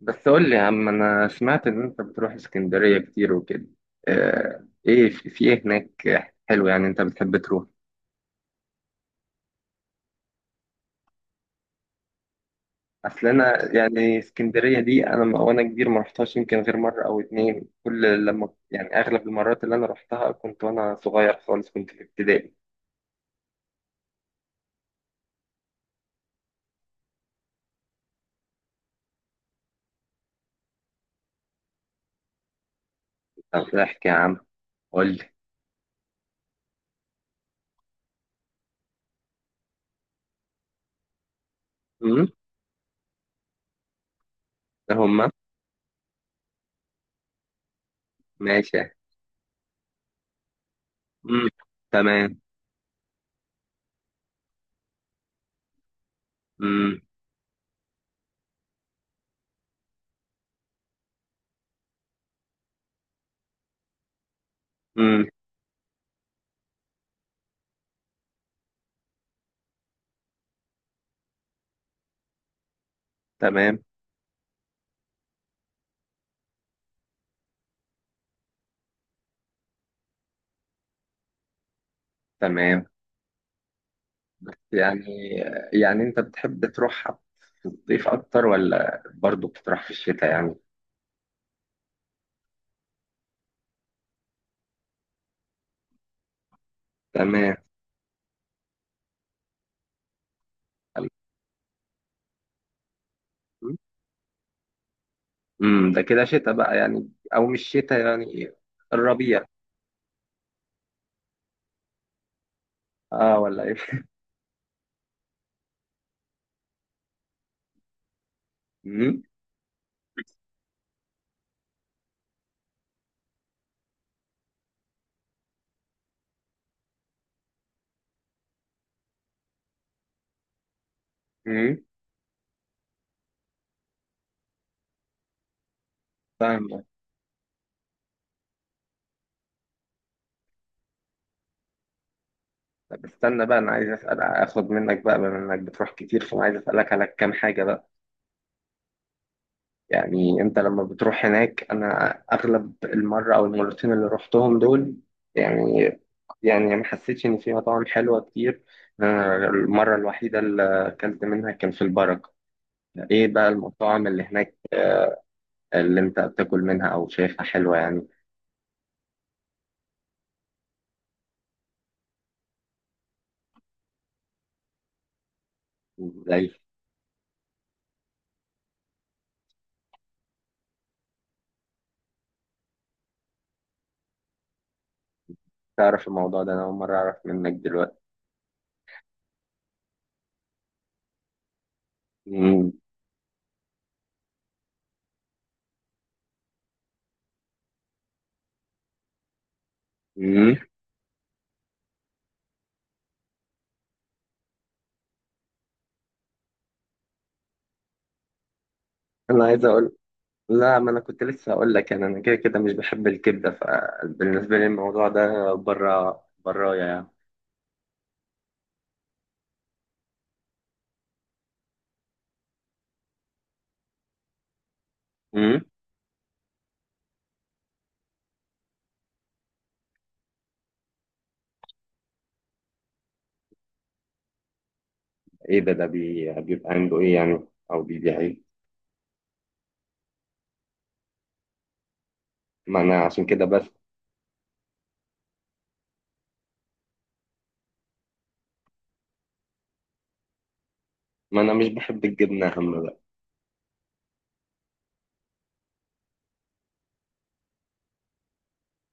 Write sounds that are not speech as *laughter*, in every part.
بس قول لي يا عم، انا سمعت ان انت بتروح اسكندرية كتير وكده. ايه، في ايه هناك؟ حلو، يعني انت بتحب تروح؟ اصل انا يعني اسكندرية دي انا وانا كبير ما رحتهاش، يمكن غير مرة او اتنين. كل لما يعني اغلب المرات اللي انا رحتها كنت وانا صغير خالص، كنت في ابتدائي. طب احكي يا عم، قول لي. امم. هما. ماشي. امم. تمام. امم. امم. تمام. تمام. يعني، يعني انت بتحب تروح صيف اكتر ولا برضو بتروح في الشتاء يعني؟ تمام. امم، ده كده شتاء بقى يعني، او مش شتاء يعني؟ الربيع؟ اه، ولا ايه؟ امم. امم. فاهم. طب استنى بقى، انا عايز اسال، اخد منك بقى بما انك بتروح كتير، فانا عايز اسالك على كام حاجه بقى. يعني انت لما بتروح هناك، انا اغلب المره او المرتين اللي رحتهم دول، يعني، يعني ما حسيتش ان في مطاعم حلوه كتير. أنا المره الوحيده اللي اكلت منها كان في البركه. ايه بقى المطاعم اللي هناك اللي انت بتاكل منها او شايفها حلوة يعني؟ ازاي؟ تعرف الموضوع ده انا اول مرة اعرف منك دلوقتي. مم. مم. انا عايز اقول، لا، ما انا كنت لسه اقول لك، يعني انا كده كده مش بحب الكبدة، فبالنسبة لي الموضوع ده بره برايا يعني. مم. ايه ده؟ ده بيبقى عنده ايه يعني او بيبيع ايه؟ ما انا عشان كده بس. ما انا مش بحب الجبنة هم بقى.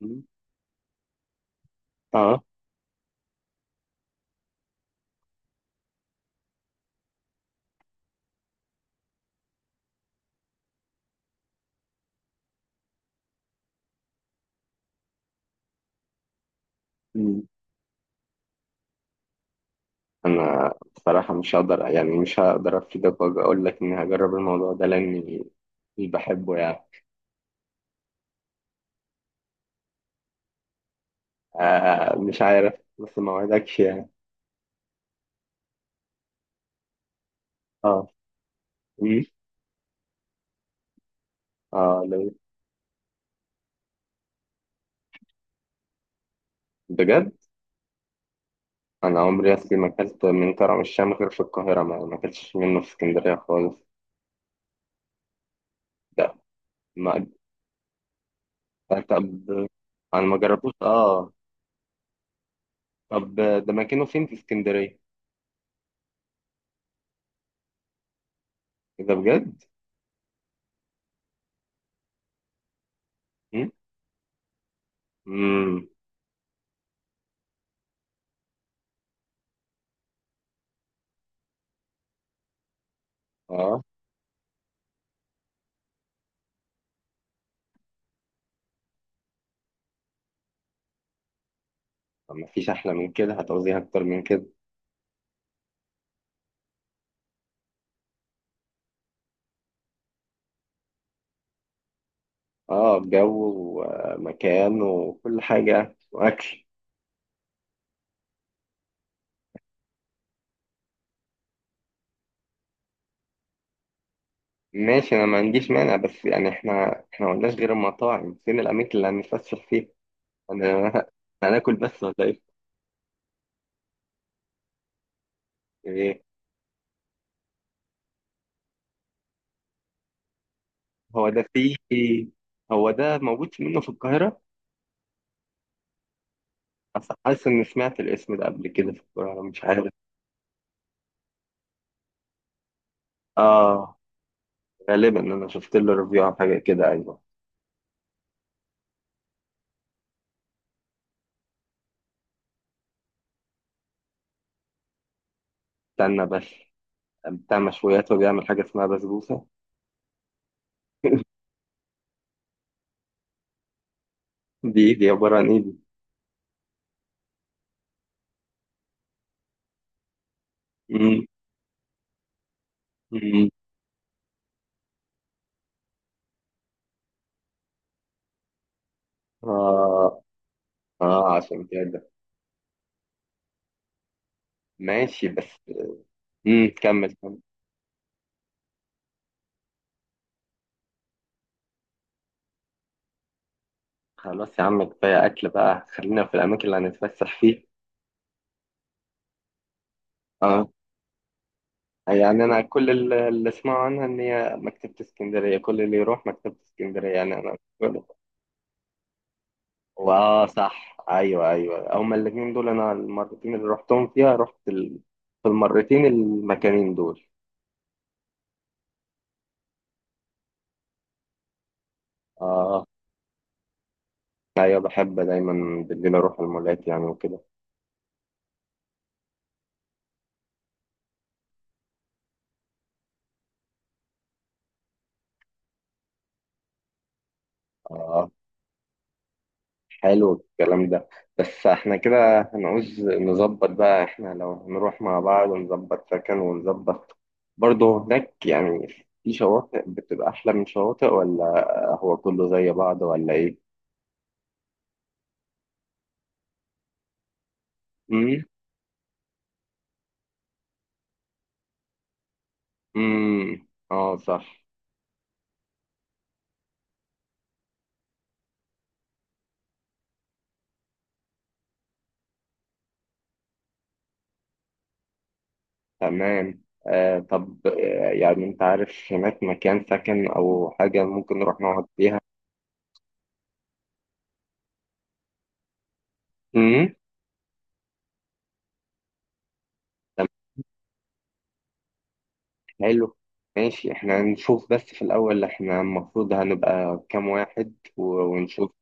مم. اه. انا بصراحه مش هقدر، يعني مش هقدر افيدك واقول لك اني هجرب الموضوع ده لاني مش بحبه يعني. آه مش عارف، بس ما وعدكش يعني. اه. مم. اه لو. بجد؟ انا عمري اصلي ما اكلت من كرم الشام غير في القاهره، ما ما اكلتش منه في اسكندريه خالص. ده. ما. طب انا ما جربتوش، اه. طب ده مكانه فين في اسكندريه؟ اذا بجد؟ امم. اه، ما فيش احلى من كده، هتعوزيها اكتر من كده؟ اه، جو، ومكان، وكل حاجة، وأكل. ماشي، أنا ما عنديش مانع، بس يعني إحنا ما قلناش غير المطاعم، فين الأماكن اللي هنتفسح فيها؟ أنا *laughs* هناكل بس ولا إيه؟ إيه؟ هو ده فيه. هو ده موجود منه في القاهرة؟ حاسس إني سمعت الاسم ده قبل كده في القاهرة، مش عارف. آه، غالبا أنا شفت له ريفيو عن حاجة كده، أيوه. استنى بس، بتاع مشويات وبيعمل حاجة اسمها بسبوسة؟ دي دي عبارة عن إيه دي؟ مم. مم. آه. اه عشان كده. ماشي بس. امم، كمل كمل. خلاص يا عم، كفايه اكل بقى، خلينا في الاماكن اللي هنتفسح فيها. اه، يعني انا كل اللي اسمعه عنها ان هي مكتبه اسكندريه، كل اللي يروح مكتبه اسكندريه يعني انا. واه صح، ايوه ايوه، هما الاثنين دول انا المرتين اللي رحتهم فيها رحت في المرتين المكانين دول. اه. ايوه بحب دايما بالليل اروح المولات يعني وكده. اه، حلو الكلام ده، بس احنا كده هنعوز نظبط بقى، احنا لو هنروح مع بعض ونظبط سكن ونظبط برضه هناك يعني. في شواطئ بتبقى أحلى من شواطئ، ولا هو كله زي بعض ولا إيه؟ امم. اه صح. تمام، آه طب آه، يعني أنت عارف هناك مكان سكن أو حاجة ممكن نروح نقعد فيها؟ امم. طب حلو. ماشي، احنا نشوف، بس في الأول احنا المفروض هنبقى كام واحد ونشوف.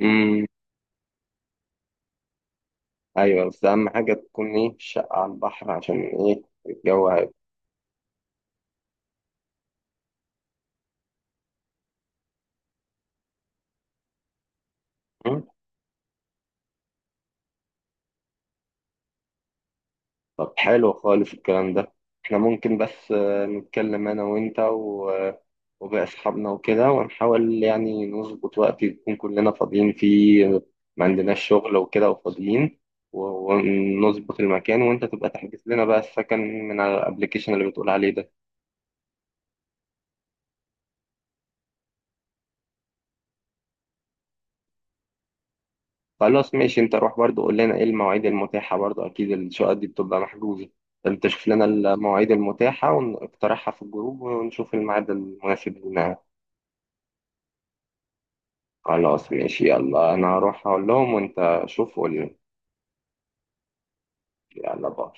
امم. ايوه، بس اهم حاجه تكون ايه، الشقه على البحر عشان ايه الجو هيبقى. مم. طب حلو خالص الكلام ده. احنا ممكن بس نتكلم انا وانت وباقي اصحابنا وكده، ونحاول يعني نظبط وقت يكون كلنا فاضيين فيه، ما عندناش شغل وكده وفاضيين، ونظبط المكان، وانت تبقى تحجز لنا بقى السكن من على الابلكيشن اللي بتقول عليه ده. خلاص ماشي، انت روح برضو قول لنا ايه المواعيد المتاحة، برضو اكيد الشقق دي بتبقى محجوزة. انت شوف لنا المواعيد المتاحة ونقترحها في الجروب ونشوف الميعاد المناسب لنا. خلاص ماشي، يلا انا هروح اقول لهم، وانت شوف قول لنا. يلا، باي.